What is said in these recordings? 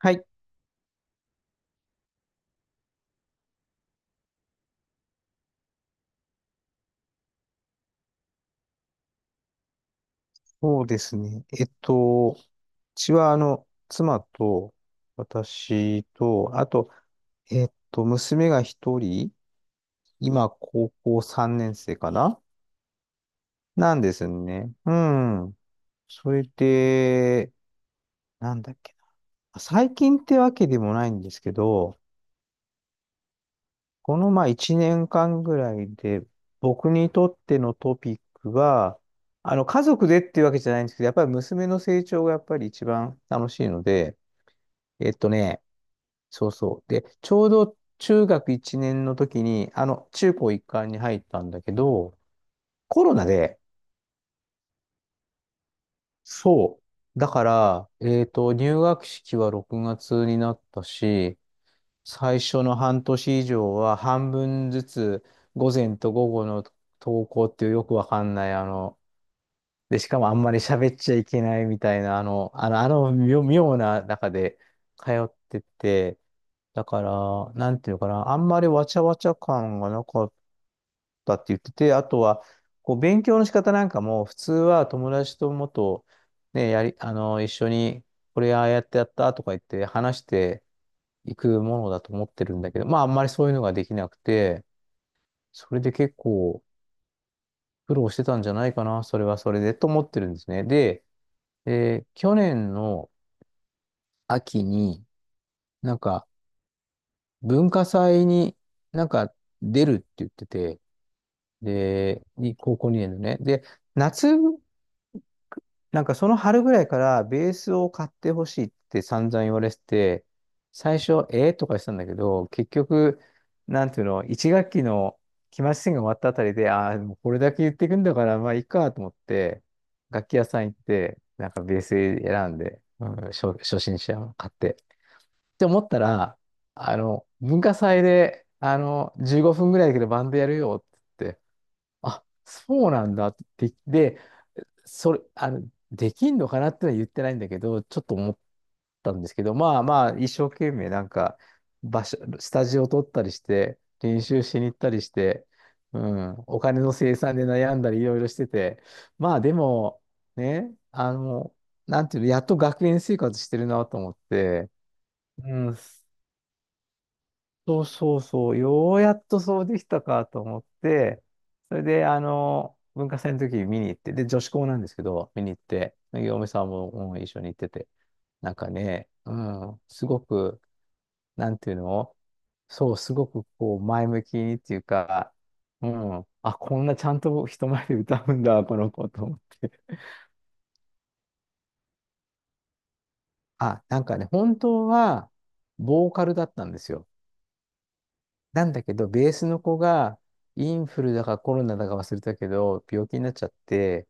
はい、そうですね。うちは、妻と、私と、あと、娘が一人、今、高校3年生かななんですね。うん。それで、なんだっけな。最近ってわけでもないんですけど、この、まあ、1年間ぐらいで、僕にとってのトピックは、家族でっていうわけじゃないんですけど、やっぱり娘の成長がやっぱり一番楽しいので、えっとね、そうそう。で、ちょうど中学1年の時に、中高一貫に入ったんだけど、コロナで、そう。だから、入学式は6月になったし、最初の半年以上は半分ずつ、午前と午後の登校っていうよくわかんない、で、しかもあんまり喋っちゃいけないみたいな、妙妙な中で通ってて、だから、なんていうかな、あんまりわちゃわちゃ感がなかったって言ってて、あとは、こう、勉強の仕方なんかも、普通は友達ともっと、ね、やり、あの、一緒に、これああやってやったとか言って話していくものだと思ってるんだけど、まあ、あんまりそういうのができなくて、それで結構苦労してたんじゃないかな、それはそれで、と思ってるんですね。で、去年の秋に、なんか、文化祭になんか出るって言ってて、で、高校2年のね。で、夏なんかその春ぐらいからベースを買ってほしいって散々言われてて、最初、ええとかしたんだけど、結局、なんていうの、一学期の期末試験が終わったあたりで、ああ、もうこれだけ言ってくんだから、まあいいかと思って、楽器屋さん行って、なんかベース選んで、うん、初心者を買って。って思ったら、文化祭で、15分ぐらいだけどバンドやるよって言って、あ、そうなんだって言って、それ、あの、できんのかなってのは言ってないんだけど、ちょっと思ったんですけど、まあまあ、一生懸命なんか、スタジオ取ったりして、練習しに行ったりして、うん、お金の生産で悩んだりいろいろしてて、まあでも、ね、なんていうの、やっと学園生活してるなと思って、うん、そうそうそう、ようやっとそうできたかと思って、それで、文化祭の時見に行って、で、女子校なんですけど、見に行って、嫁さんも、うん一緒に行ってて、なんかね、うん、すごく、なんていうのそう、すごくこう、前向きにっていうか、うん、あ、こんなちゃんと人前で歌うんだ、この子と思って。あ、なんかね、本当は、ボーカルだったんですよ。なんだけど、ベースの子がインフルだかコロナだか忘れたけど、病気になっちゃって、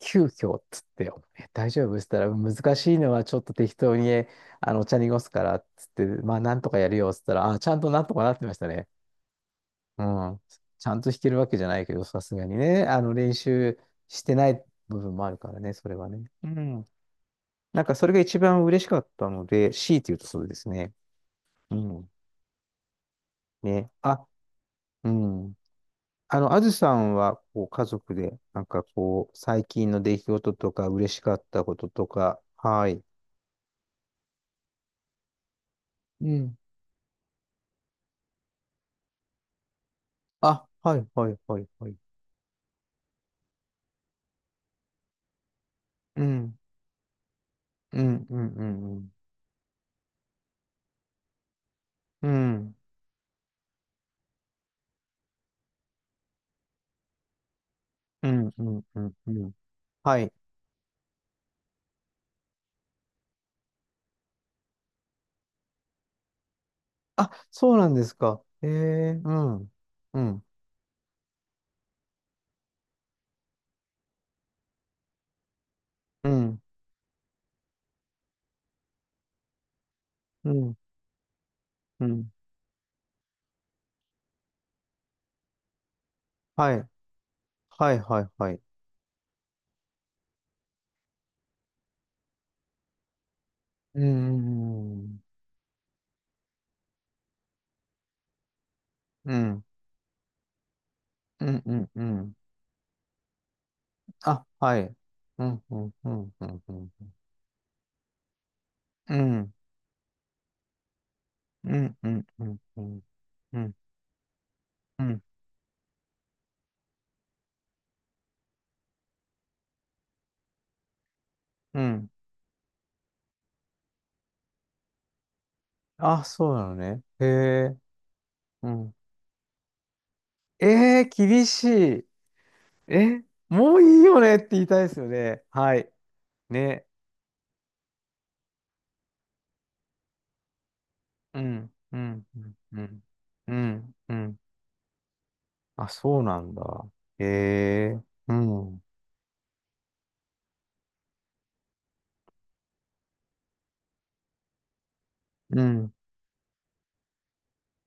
急遽っつって、大丈夫っつったら、難しいのはちょっと適当に、えあの、お茶濁すからっつって、まあ、なんとかやるよっつったら、あ、ちゃんとなんとかなってましたね。うん。ちゃんと弾けるわけじゃないけど、さすがにね、練習してない部分もあるからね、それはね。うん。なんか、それが一番嬉しかったので、強いて言うとそうですね。うん。ね。あ、うん。あずさんは、こう、家族で、なんかこう、最近の出来事とか、嬉しかったこととか、はい。うん。あ、はい、はい、はい、はい。うん、うん、うん、うん、うん。うん、うん、うん、うん。うんはい。あ、そうなんですか。ええ、うん、うん、うん、うん、うん。はい、はい、はい、はい。うん、うん、うん、うん、うん。うんあ、はい。うん、うん、うん、うん、うん。うんうん、うん、うん、うん、うん、うん。うんあ、そうなのね。へえ、うん。厳しい。え、もういいよねって言いたいですよね。はい。ね。うん、うん、うん、うん、うん。うんあ、そうなんだ。へえ、うん、うん、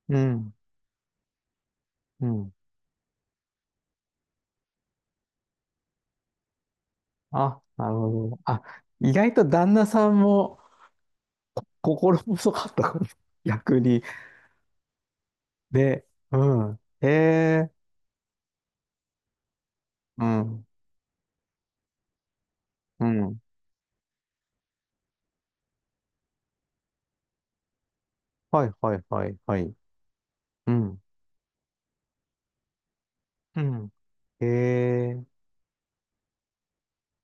うん、うん。あ、なるほど。あ、意外と旦那さんも心細かったこと、逆に。で、うん。へえ、うん、うん。はいはいはいはい。うん。うん。へえ。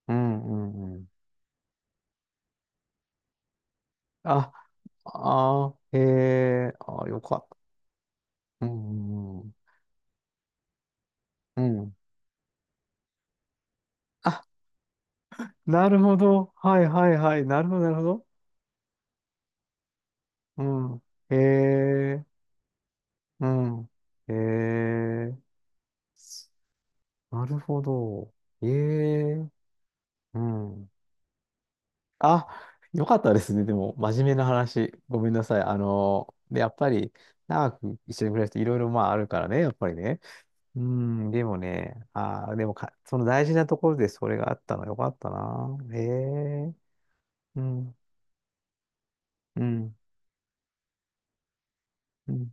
うんうんうん。あ、あー、へえ。あ、よかった。うんうんうん。うん。あ、なるほど。はいはいはい。なるほどなるほど。うん。へえ。うん。へえ。なるほど。へえ。うん。あ、よかったですね。でも、真面目な話。ごめんなさい。で、やっぱり、長く一緒に暮らしていろいろまああるからね、やっぱりね。うん、でもね、ああ、でもか、その大事なところでそれがあったのよかったな。へえ、うん、うん、うん、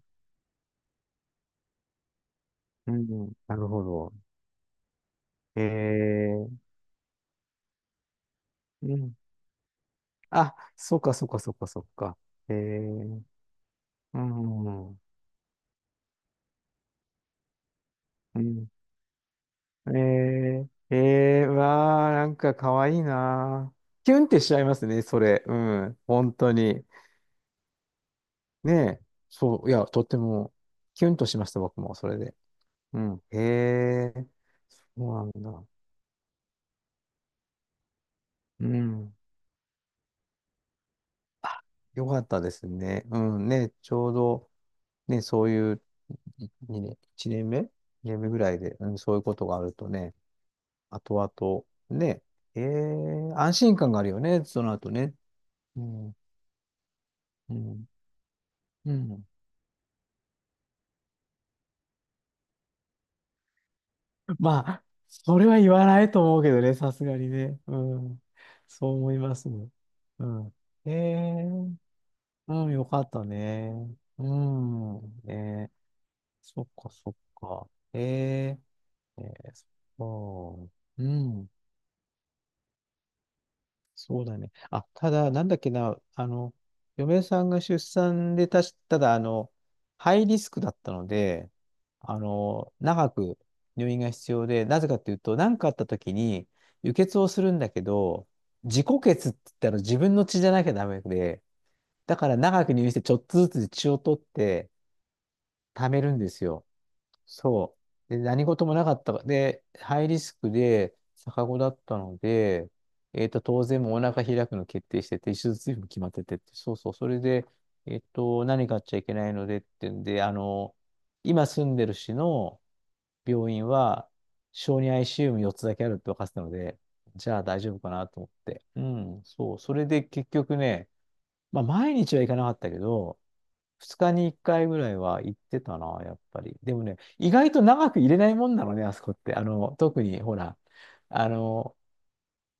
うん、なるほど。へえ、うん。あ、そっかそっかそっかそっか。へえ、うん、うん。へえ、へえ、わあ、なんかかわいいな。キュンってしちゃいますね、それ。うん、本当に。ねえ、そう、いや、とっても、キュンとしました、僕も、それで。うん。へえ、そうなんだ。うん。あ、よかったですね。うん。ね、ちょうど、ね、そういうい二年、1年目？ 2 年目ぐらいで、うん、そういうことがあるとね、後々、ね、安心感があるよね、その後ね。うん。うん。うん。まあ、それは言わないと思うけどね、さすがにね。うん。そう思いますね。うん。ええうん、よかったね。うん。ねそっか、そっか。ええええそっか。うん。そうだね。あ、ただ、なんだっけな、嫁さんが出産でたし、ただ、ハイリスクだったので、長く入院が必要で、なぜかっていうと、何かあった時に、輸血をするんだけど、自己血って言ったら自分の血じゃなきゃダメで、だから長く入院してちょっとずつ血を取って、貯めるんですよ。そう。で、何事もなかったか。で、ハイリスクで、逆子だったので、当然もうお腹開くの決定してて、手術費も決まっててって、そうそう、それで、何買っちゃいけないのでってんで、今住んでる市の病院は、小児 ICU 4つだけあるって分かってたので、じゃあ大丈夫かなと思って。うん、そう。それで結局ね、まあ、毎日は行かなかったけど、2日に1回ぐらいは行ってたな、やっぱり。でもね、意外と長く入れないもんなのね、あそこって。特に、ほら、あの、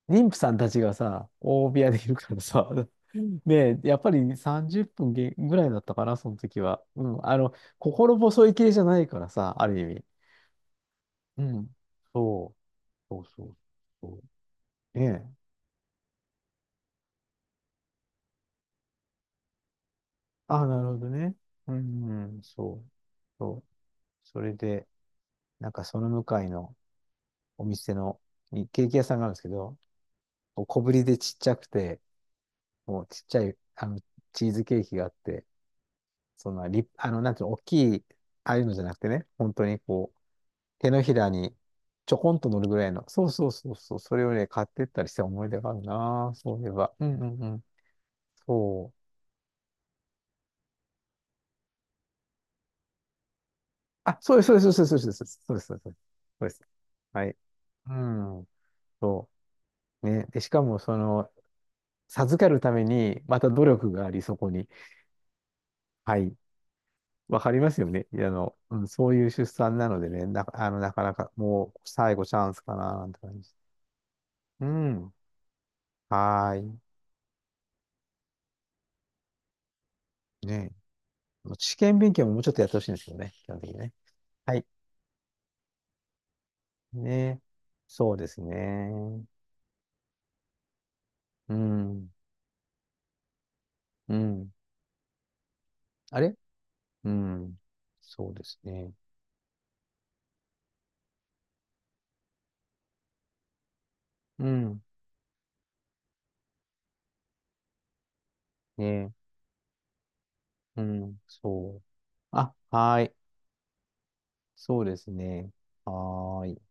妊婦さんたちがさ、大部屋でいるからさ、ねえ、やっぱり30分げぐらいだったかな、その時は。うん、心細い系じゃないからさ、ある意味。うん、そう、そうそうそう。ねえ。あ、なるほどね。うん、うんそう、そう。それで、なんかその向かいの、お店の、ケーキ屋さんがあるんですけど、小ぶりでちっちゃくて、もうちっちゃい、チーズケーキがあって、そんなリあの、なんていうの、大きい、ああいうのじゃなくてね、本当にこう、手のひらにちょこんと乗るぐらいの、そうそうそうそう、それをね、買ってったりした思い出があるな、そういえば。うんうんうん。そう。あ、そうです、そうです、そうです、そうです、そうです。そうですそうですはい。うん、そう。ね。で、しかも、授かるために、また努力があり、そこに。はい。わかりますよね。うん、そういう出産なのでね、な、あの、なかなかもう最後チャンスかな、なんて感じです。うん。はーい。ね。試験勉強ももうちょっとやってほしいんですよね、基本的にね。はい。ね。そうですね。うん。うん。あれうん。そうですね。うん。ね。うん。そう。あ、はーい。そうですね。はーい。